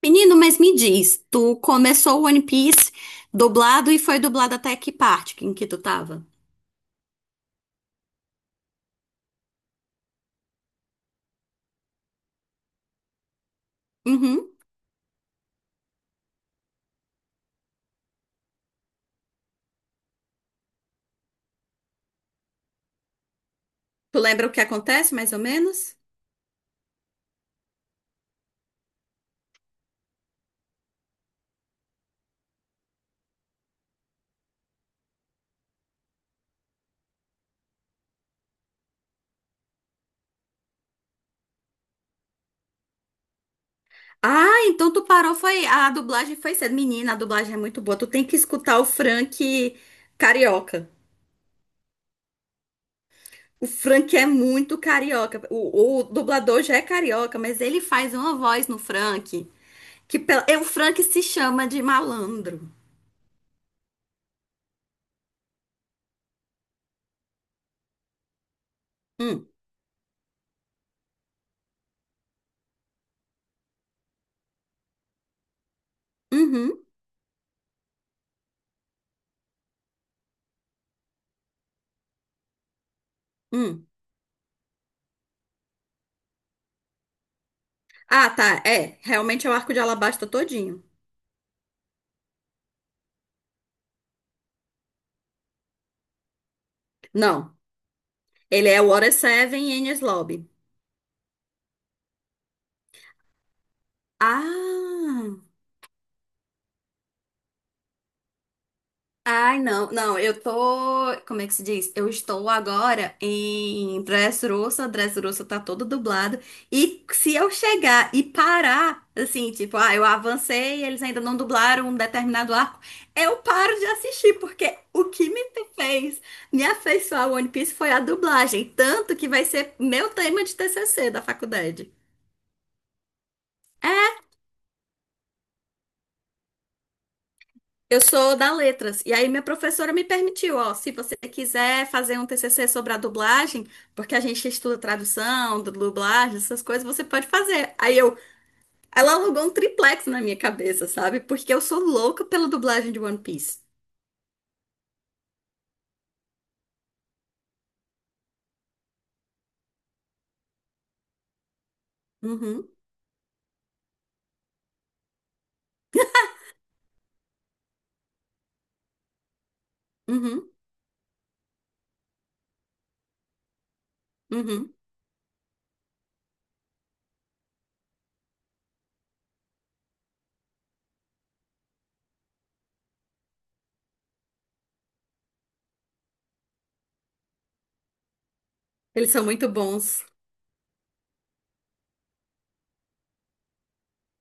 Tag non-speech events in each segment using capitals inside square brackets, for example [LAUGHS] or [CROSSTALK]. Menino, mas me diz, tu começou o One Piece dublado e foi dublado até que parte em que tu tava? Uhum. Tu lembra o que acontece, mais ou menos? Ah, então tu parou, foi, a dublagem foi cedo. Menina, a dublagem é muito boa. Tu tem que escutar o Frank carioca. O Frank é muito carioca. O dublador já é carioca, mas ele faz uma voz no Frank que é, o Frank se chama de malandro. Hum, uhum, hum. Ah, tá, é, realmente é o arco de Alabasta todinho. Não. Ele é Water Seven e Enies Lobby. Ah! Ai, não. Não, eu tô. Como é que se diz? Eu estou agora em Dressrosa. Dressrosa tá todo dublado. E se eu chegar e parar, assim, tipo, ah, eu avancei e eles ainda não dublaram um determinado arco, eu paro de assistir, porque o que me fez me afeiçoar ao One Piece foi a dublagem. Tanto que vai ser meu tema de TCC da faculdade. Eu sou da Letras, e aí minha professora me permitiu, ó, se você quiser fazer um TCC sobre a dublagem, porque a gente estuda tradução, dublagem, essas coisas, você pode fazer. Ela alugou um triplex na minha cabeça, sabe? Porque eu sou louca pela dublagem de One Piece. Uhum, uhum, uhum. Eles são muito bons.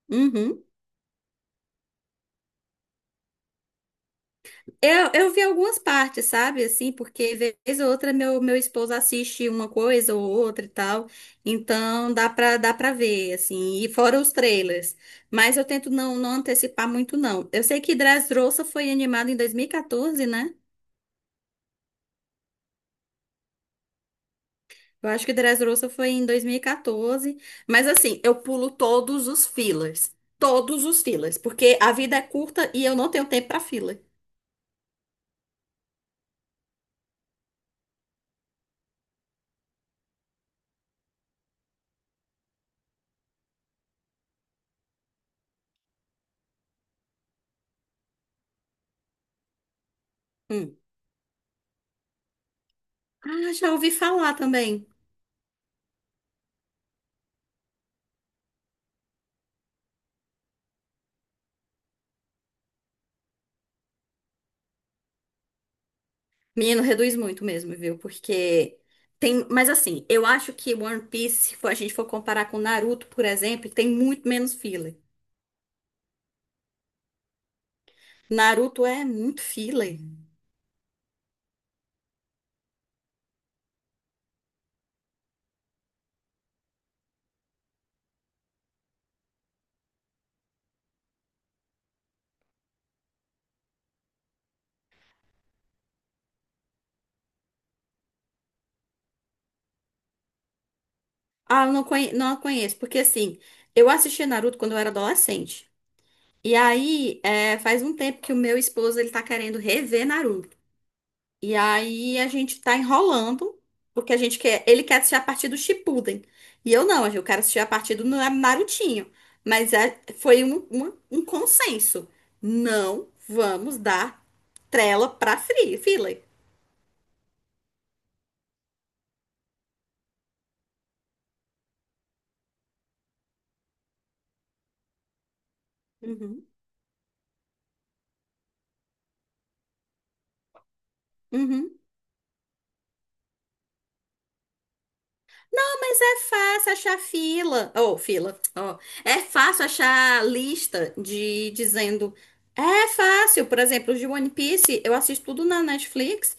Uhum. Eu vi algumas partes, sabe? Assim, porque vez ou outra meu esposo assiste uma coisa ou outra e tal. Então dá pra ver, assim. E fora os trailers. Mas eu tento não antecipar muito, não. Eu sei que Dressrosa foi animado em 2014, né? Eu acho que Dressrosa foi em 2014. Mas assim, eu pulo todos os fillers. Todos os fillers. Porque a vida é curta e eu não tenho tempo pra filler. Hum. Ah, já ouvi falar também. Menino, reduz muito mesmo, viu? Porque tem. Mas assim, eu acho que One Piece, se for- a gente for comparar com Naruto, por exemplo, tem muito menos filler. Naruto é muito filler. Ah, eu não conhe... não a conheço, porque assim, eu assisti Naruto quando eu era adolescente. E aí, é, faz um tempo que o meu esposo ele tá querendo rever Naruto. E aí a gente tá enrolando, porque ele quer assistir a partir do Shippuden. E eu não, eu quero assistir a partir do Narutinho. Mas foi um consenso. Não vamos dar trela pra Free, Filler. Uhum. Uhum. Mas é fácil achar fila, ou fila, ó, é fácil achar lista de dizendo, é fácil, por exemplo, os de One Piece, eu assisto tudo na Netflix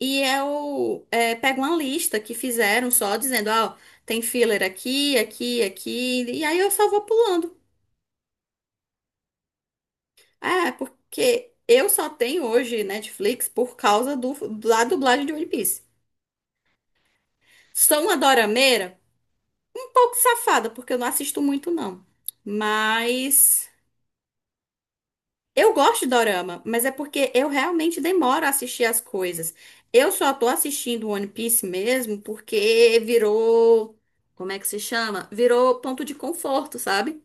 e pego uma lista que fizeram só dizendo, ó, tem filler aqui, aqui, aqui, e aí eu só vou pulando. É, porque eu só tenho hoje Netflix por causa da dublagem de One Piece. Sou uma dorameira, um pouco safada, porque eu não assisto muito, não. Mas eu gosto de dorama, mas é porque eu realmente demoro a assistir as coisas. Eu só tô assistindo One Piece mesmo porque virou. Como é que se chama? Virou ponto de conforto, sabe?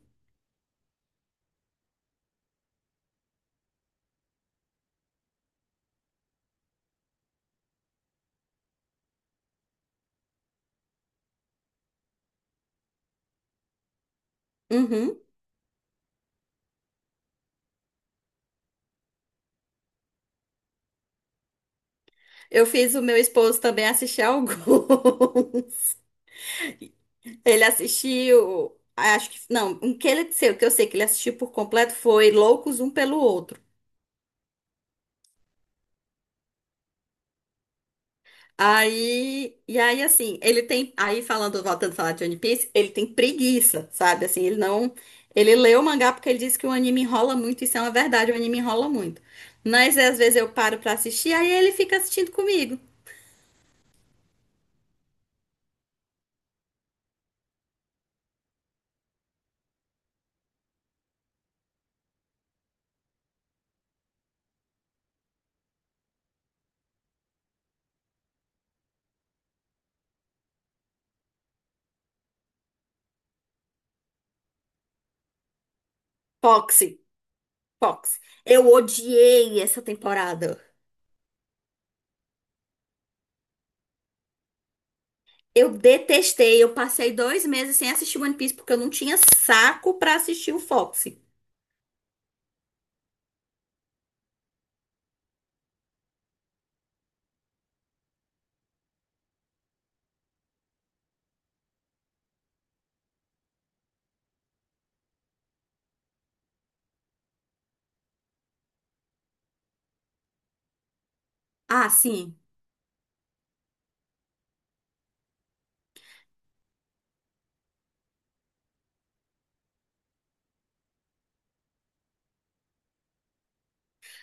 Uhum. Eu fiz o meu esposo também assistir alguns. [LAUGHS] Ele assistiu. Acho que. Não, um que ele, o que eu sei que ele assistiu por completo foi Loucos Um pelo Outro. Aí, e aí assim, ele tem, aí falando, voltando a falar de One Piece, ele tem preguiça, sabe? Assim, ele não, ele lê o mangá porque ele diz que o anime enrola muito, isso é uma verdade, o anime enrola muito. Mas às vezes eu paro pra assistir, aí ele fica assistindo comigo. Foxy, Foxy. Eu odiei essa temporada. Eu detestei, eu passei 2 meses sem assistir One Piece porque eu não tinha saco pra assistir o Foxy. Ah, sim.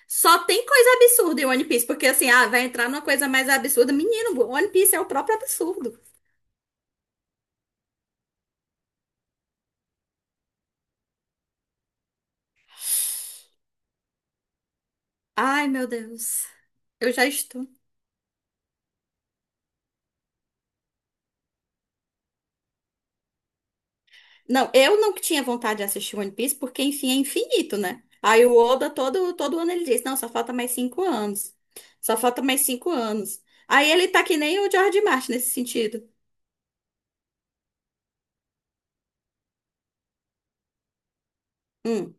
Só tem coisa absurda em One Piece, porque assim, ah, vai entrar numa coisa mais absurda. Menino, One Piece é o próprio absurdo. Ai, meu Deus. Eu já estou. Não, eu não tinha vontade de assistir One Piece, porque, enfim, é infinito, né? Aí o Oda, todo ano, ele diz: Não, só falta mais 5 anos. Só falta mais cinco anos. Aí ele tá que nem o George Martin nesse sentido. Hum.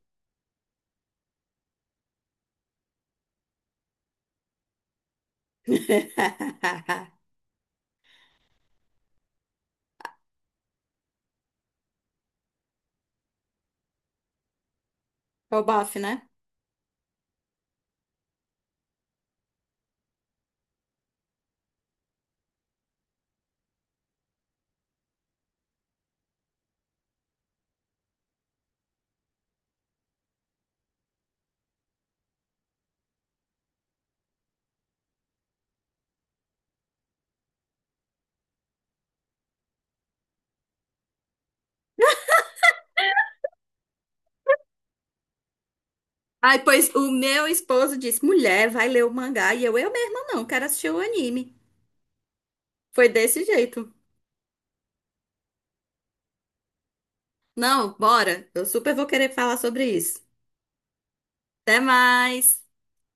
[LAUGHS] o bafo, né? Ai, pois o meu esposo disse: Mulher, vai ler o mangá. E eu mesma não, quero assistir o anime. Foi desse jeito. Não, bora. Eu super vou querer falar sobre isso. Até mais.